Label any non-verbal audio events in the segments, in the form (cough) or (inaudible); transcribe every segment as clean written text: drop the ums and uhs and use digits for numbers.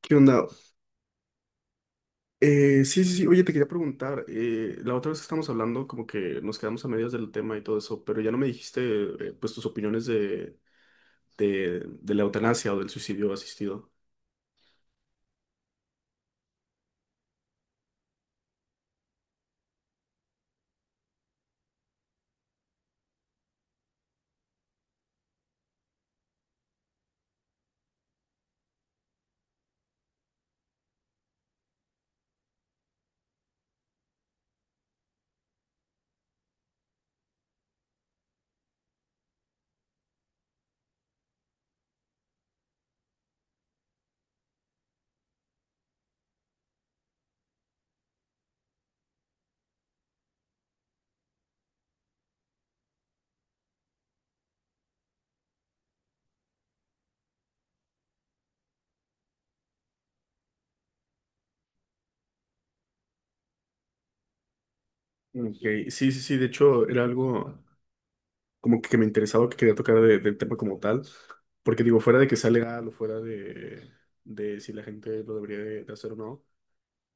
¿Qué onda? Sí, sí, sí. Oye, te quería preguntar, la otra vez que estábamos hablando, como que nos quedamos a medias del tema y todo eso, pero ya no me dijiste, pues, tus opiniones de, de la eutanasia o del suicidio asistido. Ok, sí, sí, sí. De hecho, era algo, como que me interesaba, que quería tocar del tema como tal, porque digo, fuera de que sea legal o fuera de si la gente lo debería de hacer o no,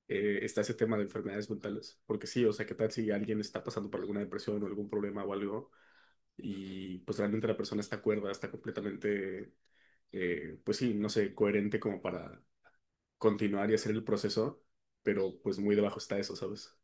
está ese tema de enfermedades mentales, porque sí, o sea, ¿qué tal si alguien está pasando por alguna depresión o algún problema o algo, y pues realmente la persona está cuerda, está completamente, pues sí, no sé, coherente como para continuar y hacer el proceso, pero pues muy debajo está eso, ¿sabes?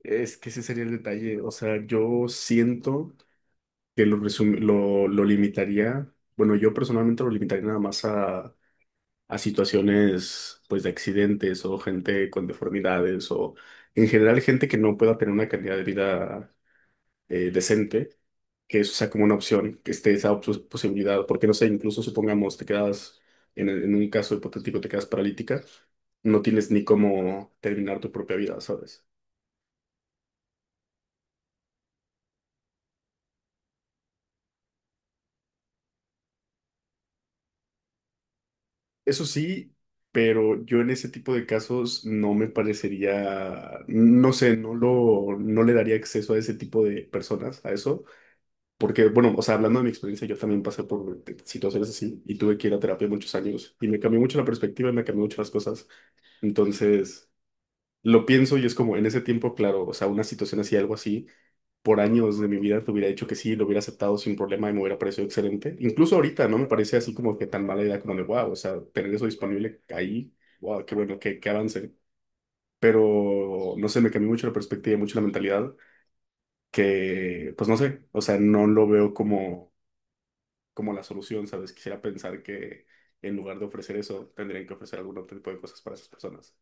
Es que ese sería el detalle, o sea, yo siento que lo limitaría, bueno, yo personalmente lo limitaría nada más a situaciones pues de accidentes o gente con deformidades o en general gente que no pueda tener una calidad de vida decente, que eso sea como una opción, que esté esa posibilidad, porque no sé, incluso supongamos te quedas, en un caso hipotético te quedas paralítica, no tienes ni cómo terminar tu propia vida, ¿sabes? Eso sí, pero yo en ese tipo de casos no me parecería, no sé, no le daría acceso a ese tipo de personas, a eso, porque, bueno, o sea, hablando de mi experiencia, yo también pasé por situaciones así y tuve que ir a terapia muchos años y me cambió mucho la perspectiva, me cambió mucho las cosas. Entonces, lo pienso y es como en ese tiempo, claro, o sea, una situación así, algo así por años de mi vida te hubiera dicho que sí, lo hubiera aceptado sin problema y me hubiera parecido excelente. Incluso ahorita no me parece así como que tan mala idea como de, wow, o sea, tener eso disponible ahí, wow, qué bueno, qué, qué avance. Pero no sé, me cambió mucho la perspectiva y mucho la mentalidad, que pues no sé, o sea, no lo veo como, como la solución, ¿sabes? Quisiera pensar que en lugar de ofrecer eso, tendrían que ofrecer algún otro tipo de cosas para esas personas.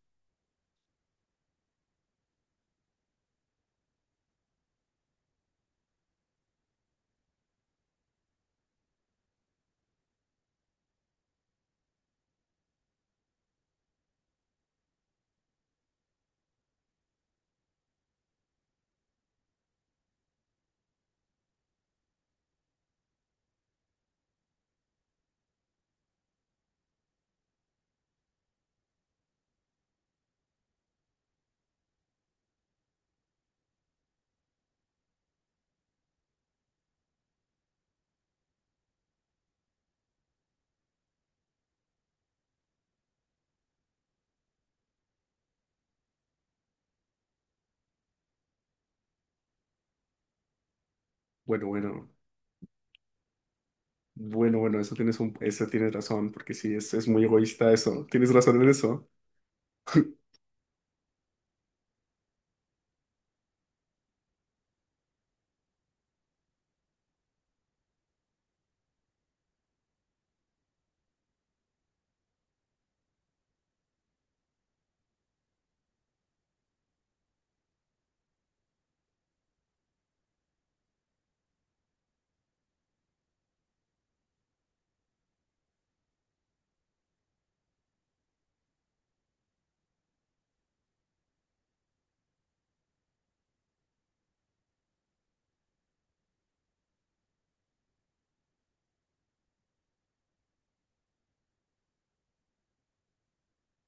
Bueno, bueno. Bueno, bueno, eso tienes un, eso tienes razón, porque sí, es muy egoísta eso. Tienes razón en eso.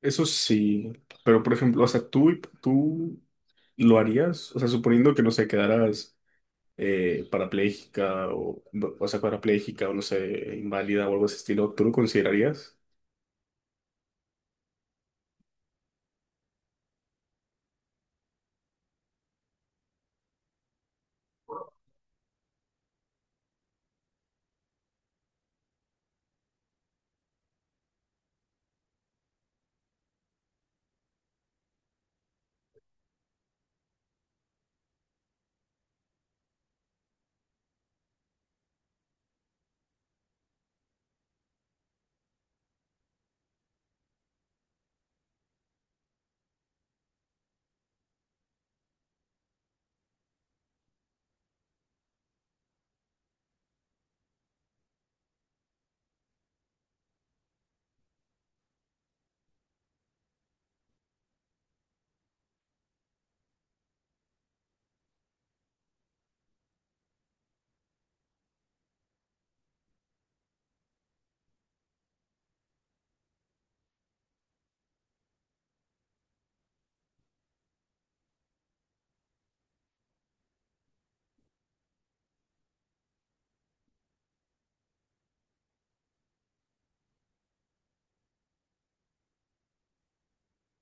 Eso sí, pero por ejemplo, o sea, tú lo harías, o sea, suponiendo que no sé, quedaras parapléjica o sea, parapléjica o no sé, inválida o algo de ese estilo, ¿tú lo considerarías?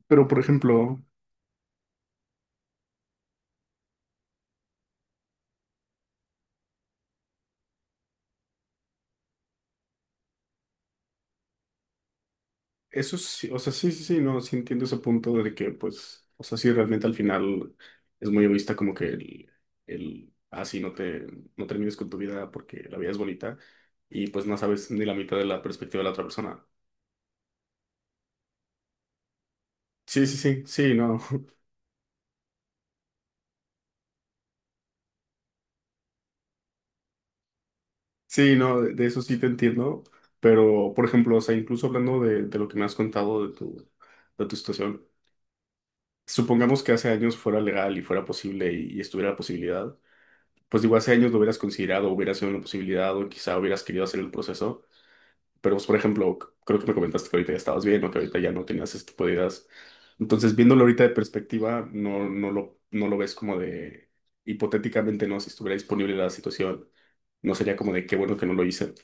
Pero por ejemplo, eso sí, o sea, sí, sí, sí, no, sí entiendo ese punto de que, pues, o sea, sí, realmente al final es muy egoísta como que el, así no te, no termines con tu vida porque la vida es bonita y pues no sabes ni la mitad de la perspectiva de la otra persona. Sí, sí, sí, sí, no, (laughs) sí, no, de eso sí te entiendo, pero, por ejemplo, o sea, incluso hablando de lo que me has contado de tu situación, supongamos que hace años fuera legal y fuera posible y estuviera la posibilidad. Pues digo, hace años lo hubieras considerado, hubiera sido una posibilidad o quizá hubieras querido hacer el proceso, pero pues por ejemplo, creo que me comentaste que ahorita ya estabas bien o que ahorita ya no tenías este tipo de ideas. Entonces, viéndolo ahorita de perspectiva, no, no lo ves como de, hipotéticamente, no, si estuviera disponible la situación, no sería como de qué bueno que no lo hice.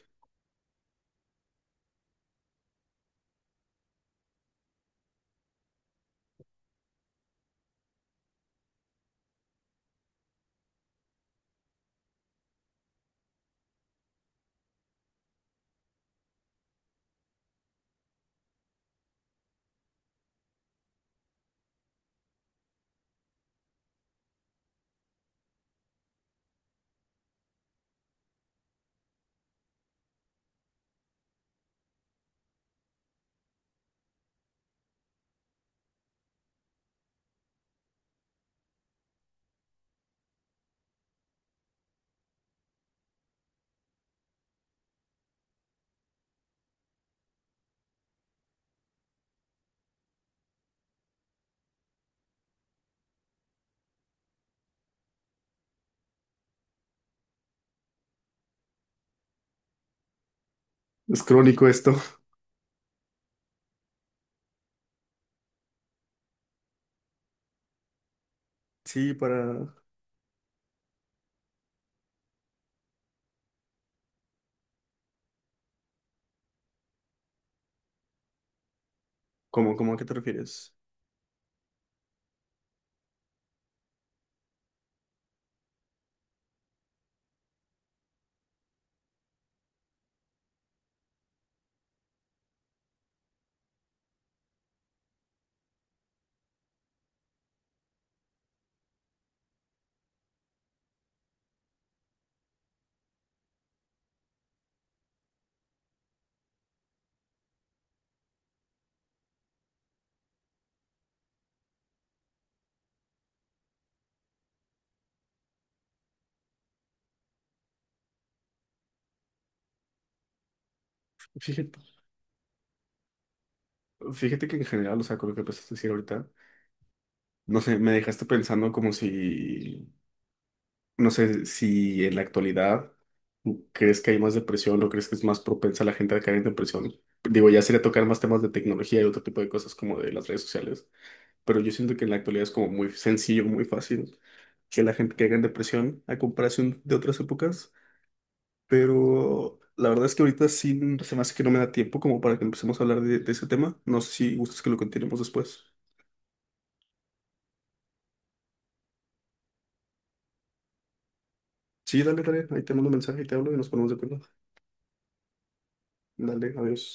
Es crónico esto. Sí, para... ¿Cómo, cómo a qué te refieres? Fíjate. Fíjate que en general, o sea, con lo que empezaste a decir ahorita, no sé, me dejaste pensando como si, no sé, si en la actualidad crees que hay más depresión o crees que es más propensa la gente a caer en depresión. Digo, ya sería tocar más temas de tecnología y otro tipo de cosas como de las redes sociales, pero yo siento que en la actualidad es como muy sencillo, muy fácil, que la gente caiga en depresión a comparación de otras épocas, pero la verdad es que ahorita sí se me hace que no me da tiempo como para que empecemos a hablar de ese tema. No sé si gustas que lo continuemos después. Sí, dale, dale, ahí te mando un mensaje y te hablo y nos ponemos de acuerdo. Dale, adiós.